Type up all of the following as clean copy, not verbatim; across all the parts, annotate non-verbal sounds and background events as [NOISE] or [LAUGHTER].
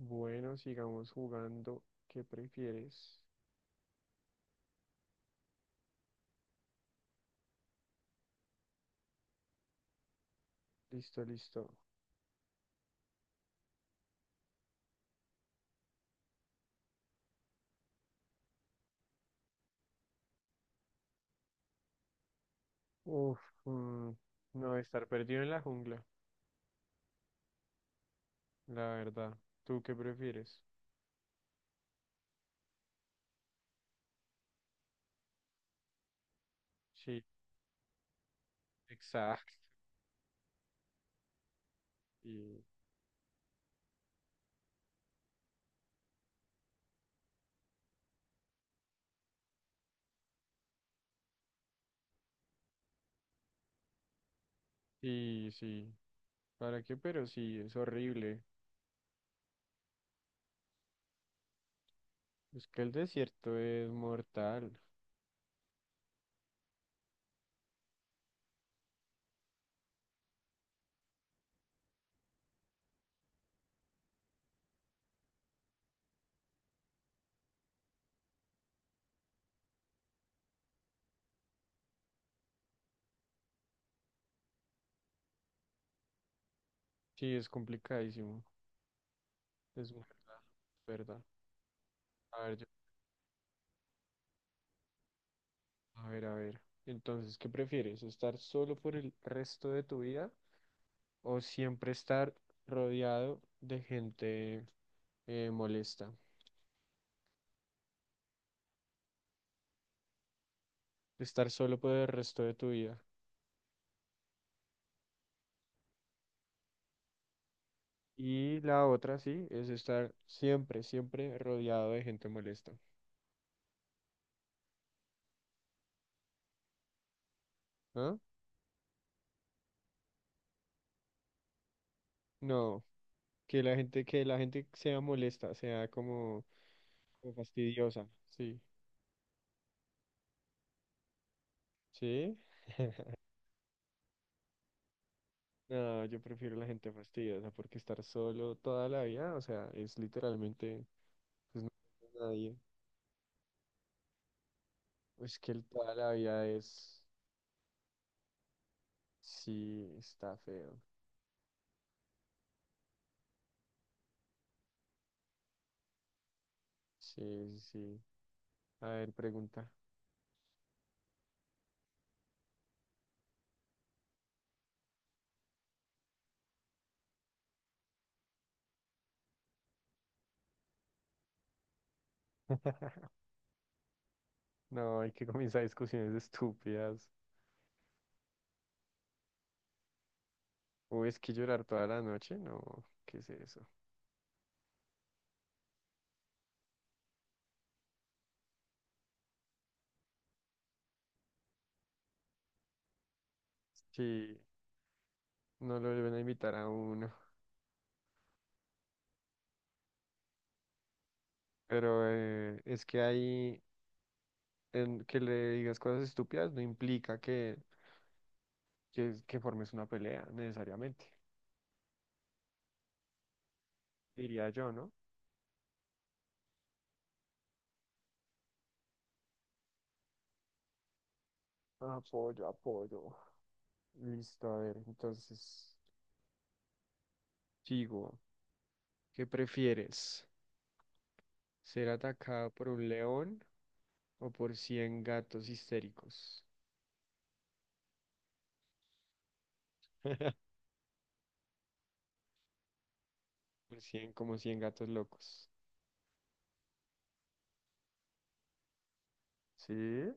Bueno, sigamos jugando. ¿Qué prefieres? Listo, listo. Uf, mm, no, estar perdido en la jungla, la verdad. ¿Tú qué prefieres? Sí, exacto. Sí, sí. ¿Para qué? Pero sí, es horrible. Es que el desierto es mortal. Sí, es complicadísimo. Es verdad, verdad. A ver, a ver, a ver. Entonces, ¿qué prefieres? ¿Estar solo por el resto de tu vida o siempre estar rodeado de gente molesta, estar solo por el resto de tu vida? Y la otra, sí, es estar siempre, siempre rodeado de gente molesta. ¿Ah? No, que la gente sea molesta, sea como, como fastidiosa, sí, sí. No, yo prefiero la gente fastidiosa porque estar solo toda la vida, o sea, es literalmente, pues no, hay nadie. Es que el toda la vida es, sí, está feo. Sí, sí. A ver, pregunta. No, hay que [LAUGHS] comenzar discusiones estúpidas. Uy, es que llorar toda la noche, no, ¿qué es eso? Sí, no lo deben invitar a uno. Pero es que ahí, en que le digas cosas estúpidas no implica que formes una pelea, necesariamente. Diría yo, ¿no? Apoyo, apoyo. Listo, a ver, entonces, sigo. ¿Qué prefieres? ¿Ser atacado por un león o por 100 gatos histéricos? Por cien, como 100 gatos locos. Sí.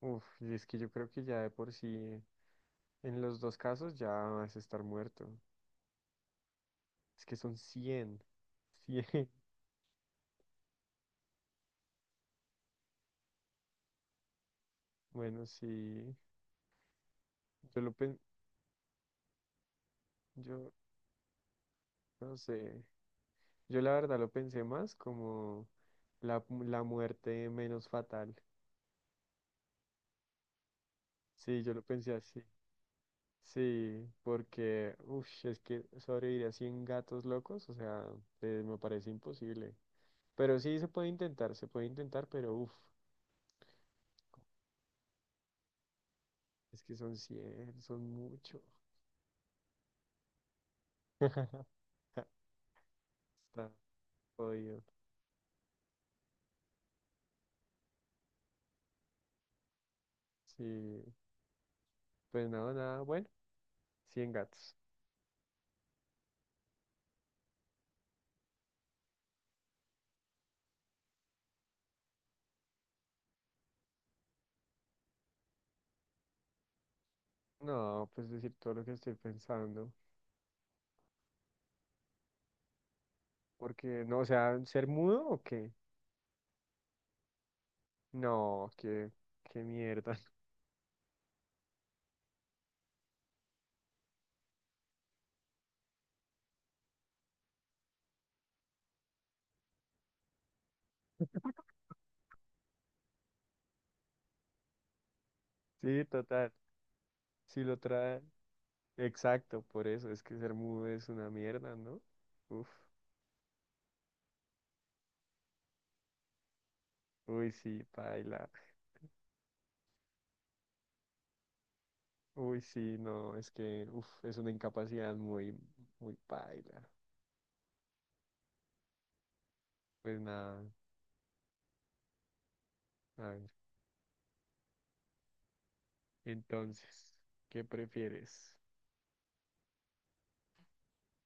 Uf, y es que yo creo que ya de por sí, en los dos casos ya vas a estar muerto. Es que son cien [LAUGHS] 100. Bueno, sí. Yo lo pen, yo no sé. Yo la verdad lo pensé más como la muerte menos fatal. Sí, yo lo pensé así. Sí, porque, uff, es que sobrevivir a 100 gatos locos, o sea, me parece imposible. Pero sí se puede intentar, pero uff, es que son cien, son mucho. [LAUGHS] Está jodido. Sí, pues nada, nada, bueno, 100 gatos. No, pues decir todo lo que estoy pensando. Porque, no, o sea, ¿ser mudo o qué? No, qué, qué mierda. [LAUGHS] Sí, total. Sí lo trae. Exacto, por eso es que ser mudo es una mierda, ¿no? Uf, uy, sí, paila. Uy, sí, no, es que uf, es una incapacidad muy, muy paila. Pues nada, a ver. Entonces, ¿qué prefieres?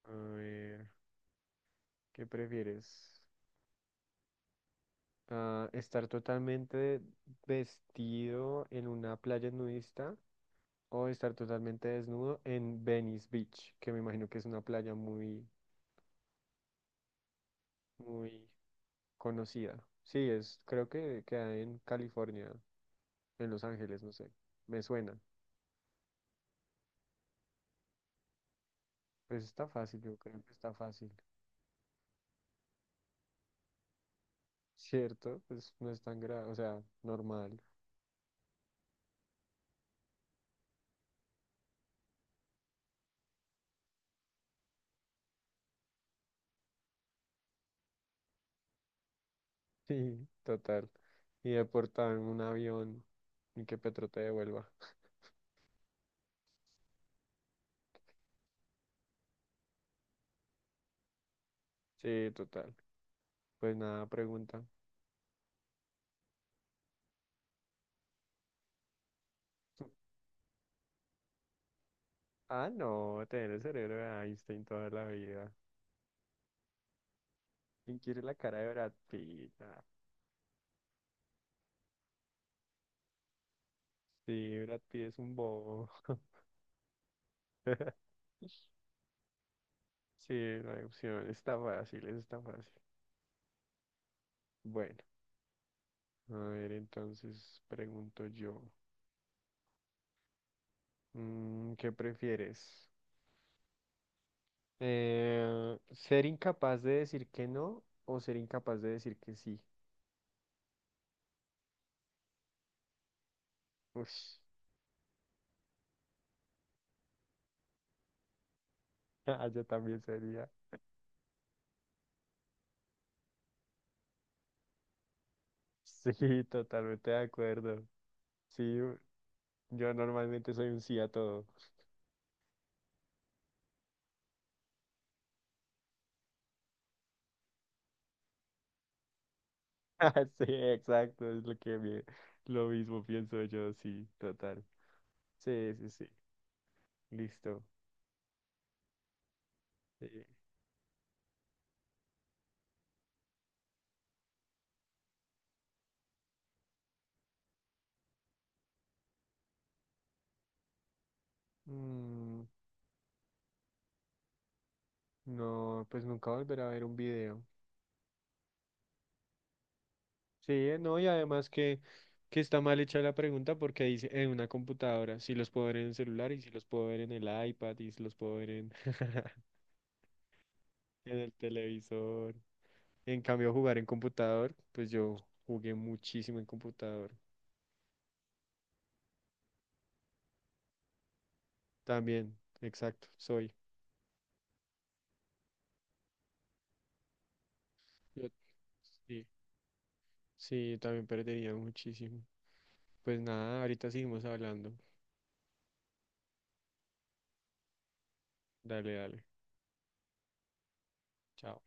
A ver, ¿qué prefieres? Ah, ¿estar totalmente vestido en una playa nudista o estar totalmente desnudo en Venice Beach, que me imagino que es una playa muy, muy conocida? Sí, es, creo que queda en California, en Los Ángeles, no sé. Me suena. Pues está fácil, yo creo que está fácil, ¿cierto? Pues no es tan grave, o sea, normal. Sí, total. Y deportado en un avión y que Petro te devuelva. Sí, total. Pues nada, pregunta. Ah, no, tener el cerebro de Einstein toda la vida. ¿Quién quiere la cara de Brad Pitt? Ah, sí, Brad Pitt es un bobo. [LAUGHS] Sí, no hay opción, está fácil, eso está fácil. Bueno, a ver, entonces pregunto yo, mm, ¿qué prefieres? Ser incapaz de decir que no o ser incapaz de decir que sí. Ush, [LAUGHS] ah, yo también sería. [LAUGHS] Sí, totalmente de acuerdo. Sí, yo normalmente soy un sí a todo. [LAUGHS] Sí, exacto, es lo que me- lo mismo pienso yo, sí, total. Sí, sí, sí, listo. Sí. Mm, no, pues nunca volver a ver un video. Sí, no, y además que está mal hecha la pregunta porque dice en una computadora, si los puedo ver en el celular y si los puedo ver en el iPad y si los puedo ver en, [LAUGHS] en el televisor. En cambio, jugar en computador, pues yo jugué muchísimo en computador. También, exacto, soy. Yo- sí, sí, también perdería muchísimo. Pues nada, ahorita seguimos hablando. Dale, dale. Chao.